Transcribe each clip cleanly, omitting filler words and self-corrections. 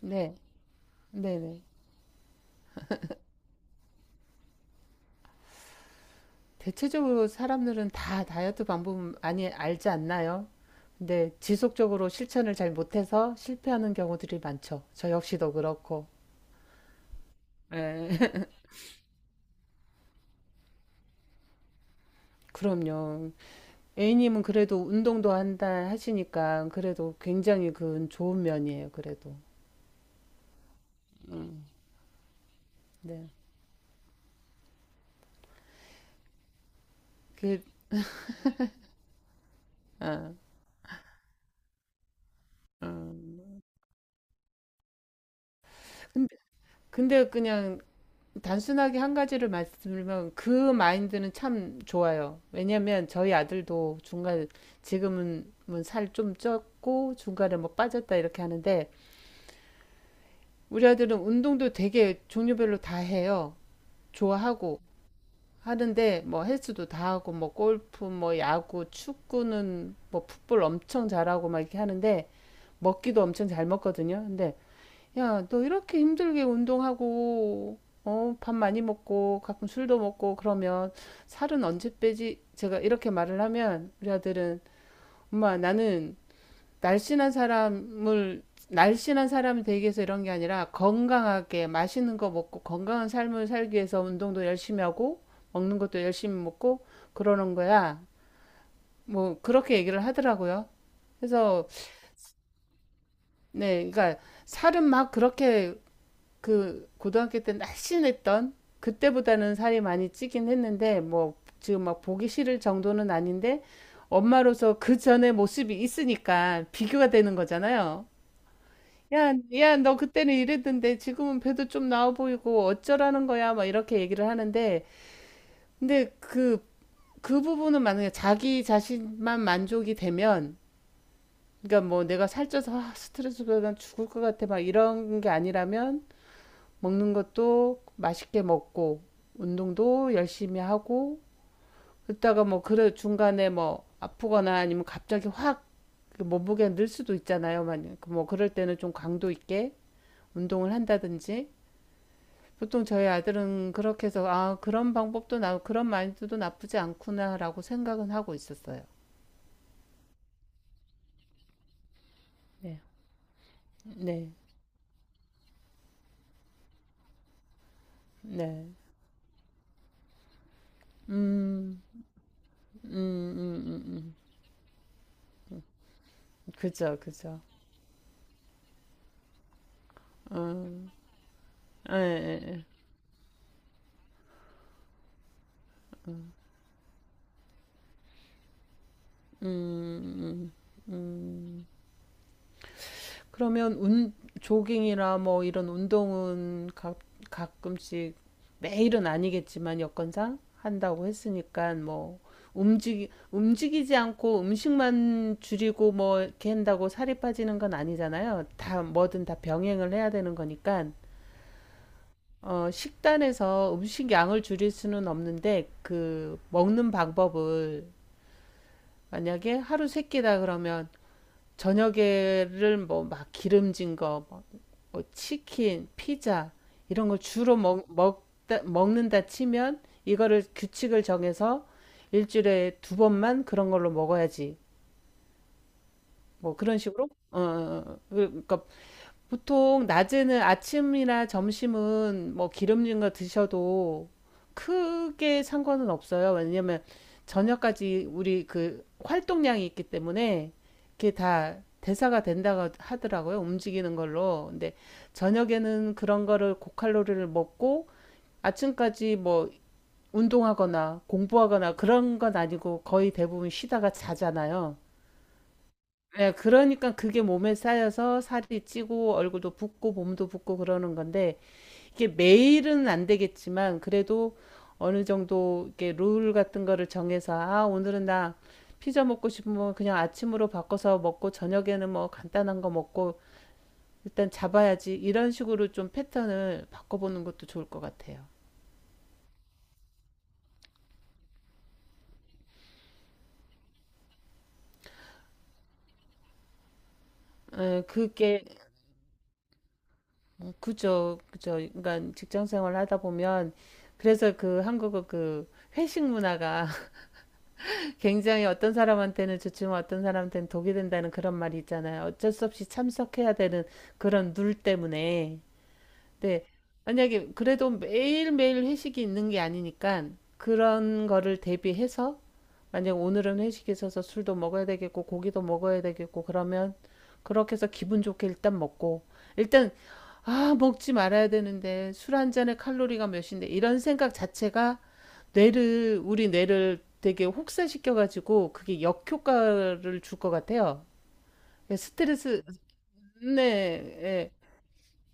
네, 네네. 대체적으로 사람들은 다 다이어트 방법 많이 알지 않나요? 근데 지속적으로 실천을 잘 못해서 실패하는 경우들이 많죠. 저 역시도 그렇고. 예. 그럼요. A님은 그래도 운동도 한다 하시니까 그래도 굉장히 그건 좋은 면이에요. 그래도. 네. 그, 아, 음. 근데, 근데 그냥 단순하게 한 가지를 말씀드리면 그 마인드는 참 좋아요. 왜냐면 저희 아들도 중간 지금은 뭐 살좀 쪘고 중간에 뭐 빠졌다 이렇게 하는데 우리 아들은 운동도 되게 종류별로 다 해요. 좋아하고 하는데 뭐 헬스도 다 하고 뭐 골프 뭐 야구 축구는 뭐 풋볼 엄청 잘하고 막 이렇게 하는데 먹기도 엄청 잘 먹거든요. 근데 야, 너 이렇게 힘들게 운동하고, 어, 밥 많이 먹고, 가끔 술도 먹고, 그러면 살은 언제 빼지? 제가 이렇게 말을 하면 우리 아들은, 엄마, 나는 날씬한 사람을, 날씬한 사람이 되기 위해서 이런 게 아니라 건강하게 맛있는 거 먹고 건강한 삶을 살기 위해서 운동도 열심히 하고, 먹는 것도 열심히 먹고, 그러는 거야. 뭐, 그렇게 얘기를 하더라고요. 그래서, 네, 그러니까 살은 막 그렇게 그 고등학교 때 날씬했던 그때보다는 살이 많이 찌긴 했는데 뭐 지금 막 보기 싫을 정도는 아닌데 엄마로서 그 전에 모습이 있으니까 비교가 되는 거잖아요. 야, 야, 너 그때는 이랬는데 지금은 배도 좀 나와 보이고 어쩌라는 거야? 막 이렇게 얘기를 하는데 근데 그 부분은 만약에 자기 자신만 만족이 되면 그러니까 뭐 내가 살쪄서 아, 스트레스 받아 죽을 것 같아 막 이런 게 아니라면 먹는 것도 맛있게 먹고 운동도 열심히 하고 그러다가 뭐 그래 중간에 뭐 아프거나 아니면 갑자기 확 그 몸무게가 늘 수도 있잖아요. 만약 뭐 그럴 때는 좀 강도 있게 운동을 한다든지 보통 저희 아들은 그렇게 해서 아 그런 방법도 나 그런 마인드도 나쁘지 않구나라고 생각은 하고 있었어요. 네, 네, 네. 음, 음, 음, 음, 음. 그죠, 그죠. 음, 예, 예, 예. 그러면 조깅이나 뭐 이런 운동은 가끔씩 매일은 아니겠지만 여건상 한다고 했으니까 뭐 움직이지 않고 음식만 줄이고 뭐 이렇게 한다고 살이 빠지는 건 아니잖아요. 다 뭐든 다 병행을 해야 되는 거니까 어, 식단에서 음식 양을 줄일 수는 없는데 그 먹는 방법을 만약에 하루 세 끼다 그러면 저녁에를 뭐 막 기름진 거, 뭐, 뭐 치킨, 피자 이런 걸 주로 먹는다 치면 이거를 규칙을 정해서 일주일에 두 번만 그런 걸로 먹어야지. 뭐 그런 식으로. 어, 어, 어. 그러니까 보통 낮에는 아침이나 점심은 뭐 기름진 거 드셔도 크게 상관은 없어요. 왜냐면 저녁까지 우리 그 활동량이 있기 때문에 그게 다 대사가 된다고 하더라고요. 움직이는 걸로. 근데 저녁에는 그런 거를 고칼로리를 먹고 아침까지 뭐 운동하거나 공부하거나 그런 건 아니고 거의 대부분 쉬다가 자잖아요. 예, 그러니까 그게 몸에 쌓여서 살이 찌고 얼굴도 붓고 몸도 붓고 그러는 건데 이게 매일은 안 되겠지만 그래도 어느 정도 이렇게 룰 같은 거를 정해서 아, 오늘은 나 피자 먹고 싶으면 그냥 아침으로 바꿔서 먹고 저녁에는 뭐 간단한 거 먹고 일단 잡아야지 이런 식으로 좀 패턴을 바꿔보는 것도 좋을 것 같아요. 예, 그게 어, 그죠, 그죠. 그러니까 직장 생활 하다 보면 그래서 그 한국어 그 회식 문화가 굉장히 어떤 사람한테는 좋지만 어떤 사람한테는 독이 된다는 그런 말이 있잖아요. 어쩔 수 없이 참석해야 되는 그런 룰 때문에. 근데 만약에 그래도 매일매일 회식이 있는 게 아니니까 그런 거를 대비해서 만약 오늘은 회식이 있어서 술도 먹어야 되겠고 고기도 먹어야 되겠고 그러면 그렇게 해서 기분 좋게 일단 먹고 일단 아 먹지 말아야 되는데 술 한 잔에 칼로리가 몇인데 이런 생각 자체가 뇌를 우리 뇌를 되게 혹사시켜 가지고 그게 역효과를 줄 것 같아요. 그러니까 스트레스 네, 예.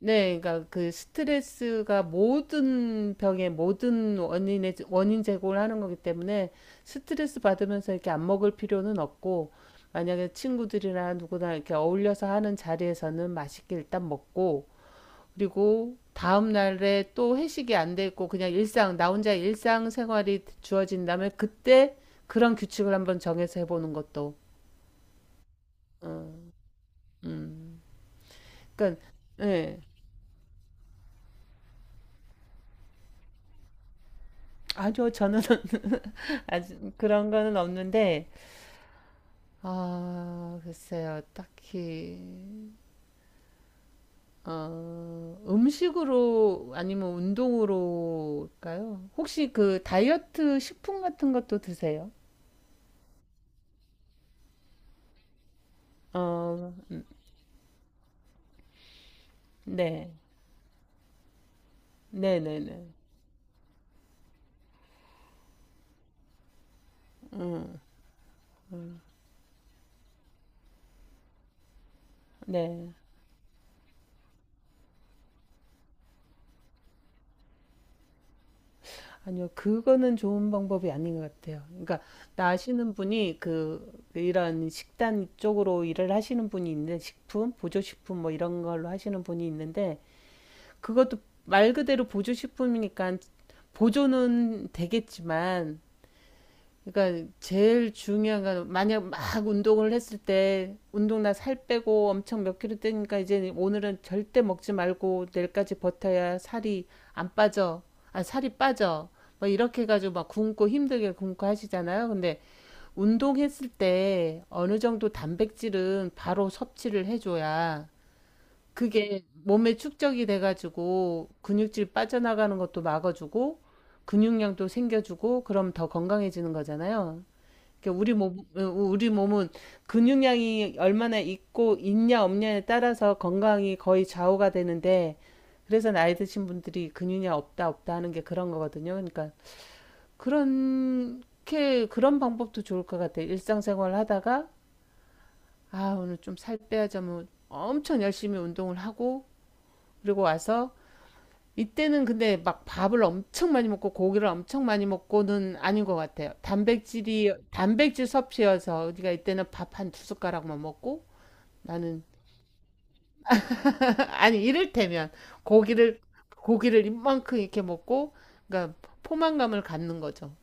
네, 그러니까 그 스트레스가 모든 병의 모든 원인의 원인 제공을 하는 거기 때문에 스트레스 받으면서 이렇게 안 먹을 필요는 없고 만약에 친구들이나 누구나 이렇게 어울려서 하는 자리에서는 맛있게 일단 먹고 그리고 다음 날에 또 회식이 안 돼 있고 그냥 일상 나 혼자 일상 생활이 주어진다면 그때 그런 규칙을 한번 정해서 해보는 것도 음, 음. 그러니까 예. 아니요, 저는 아직 그런 거는 없는데 아, 글쎄요. 딱히, 어, 음식으로 아니면 운동으로일까요? 혹시 그 다이어트 식품 같은 것도 드세요? 어, 네. 네네네. 네. 아니요, 그거는 좋은 방법이 아닌 것 같아요. 그러니까, 나시는 분이 그, 이런 식단 쪽으로 일을 하시는 분이 있는데, 식품, 보조식품 뭐 이런 걸로 하시는 분이 있는데, 그것도 말 그대로 보조식품이니까 보조는 되겠지만, 그러니까 제일 중요한 건 만약 막 운동을 했을 때 운동 나 살 빼고 엄청 몇 킬로 떼니까 이제 오늘은 절대 먹지 말고 내일까지 버텨야 살이 안 빠져. 아, 살이 빠져. 뭐 이렇게 해가지고 막 굶고 힘들게 굶고 하시잖아요. 근데 운동했을 때 어느 정도 단백질은 바로 섭취를 해줘야 그게 몸에 축적이 돼가지고 근육질 빠져나가는 것도 막아주고 근육량도 생겨주고 그럼 더 건강해지는 거잖아요. 그러니까 우리 몸은 근육량이 얼마나 있고 있냐 없냐에 따라서 건강이 거의 좌우가 되는데 그래서 나이 드신 분들이 근육량 없다 없다 하는 게 그런 거거든요. 그러니까 그렇게 그런 방법도 좋을 것 같아요. 일상생활 하다가 아 오늘 좀 살 빼야지 하면 엄청 열심히 운동을 하고 그리고 와서 이때는 근데 막 밥을 엄청 많이 먹고 고기를 엄청 많이 먹고는 아닌 것 같아요. 단백질이 단백질 섭취여서 우리가 이때는 밥 한 두 숟가락만 먹고 나는 아니 이를테면 고기를 고기를 이만큼 이렇게 먹고 그러니까 포만감을 갖는 거죠.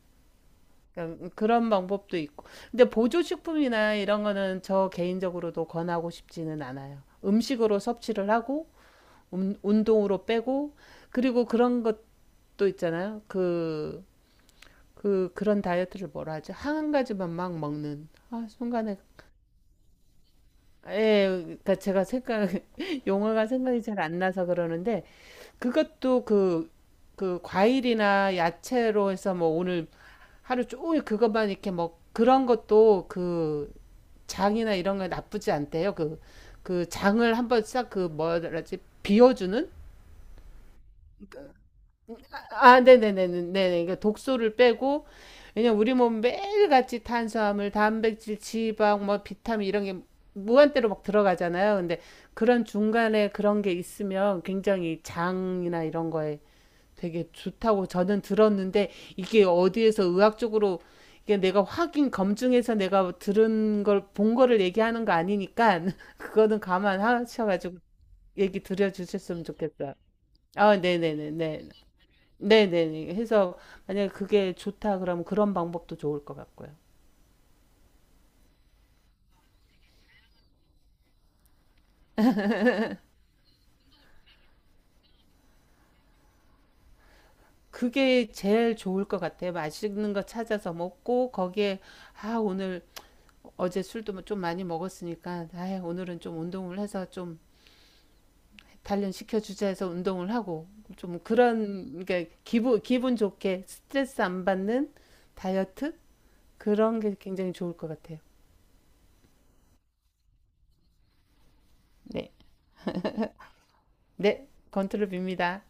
그러니까 그런 방법도 있고. 근데 보조식품이나 이런 거는 저 개인적으로도 권하고 싶지는 않아요. 음식으로 섭취를 하고 운동으로 빼고 그리고 그런 것도 있잖아요. 그 그런 다이어트를 뭐라 하죠? 한 가지만 막 먹는. 아, 순간에 예, 그러니까 제가 생각 용어가 생각이 잘 안 나서 그러는데 그것도 그 과일이나 야채로 해서 뭐 오늘 하루 종일 그것만 이렇게 먹 그런 것도 그 장이나 이런 거 나쁘지 않대요. 그 장을 한번 싹 그 뭐라지 비워주는 아, 네네네네. 네네. 그러니까 독소를 빼고, 왜냐면 우리 몸 매일같이 탄수화물, 단백질, 지방, 뭐 비타민 이런 게 무한대로 막 들어가잖아요. 근데 그런 중간에 그런 게 있으면 굉장히 장이나 이런 거에 되게 좋다고 저는 들었는데 이게 어디에서 의학적으로 이게 내가 확인 검증해서 내가 들은 걸 본 거를 얘기하는 거 아니니까 그거는 감안하셔가지고 얘기 드려주셨으면 좋겠어요. 아, 네네네네. 네네네. 해서 만약에 그게 좋다 그러면 그런 방법도 좋을 것 같고요. 그게 제일 좋을 것 같아요. 맛있는 거 찾아서 먹고 거기에 아 오늘 어제 술도 뭐 좀 많이 먹었으니까 아 오늘은 좀 운동을 해서 좀 단련시켜 주자 해서 운동을 하고 좀 그런 그 기분 좋게 스트레스 안 받는 다이어트 그런 게 굉장히 좋을 것 같아요. 네. 네. 건투를 빕니다.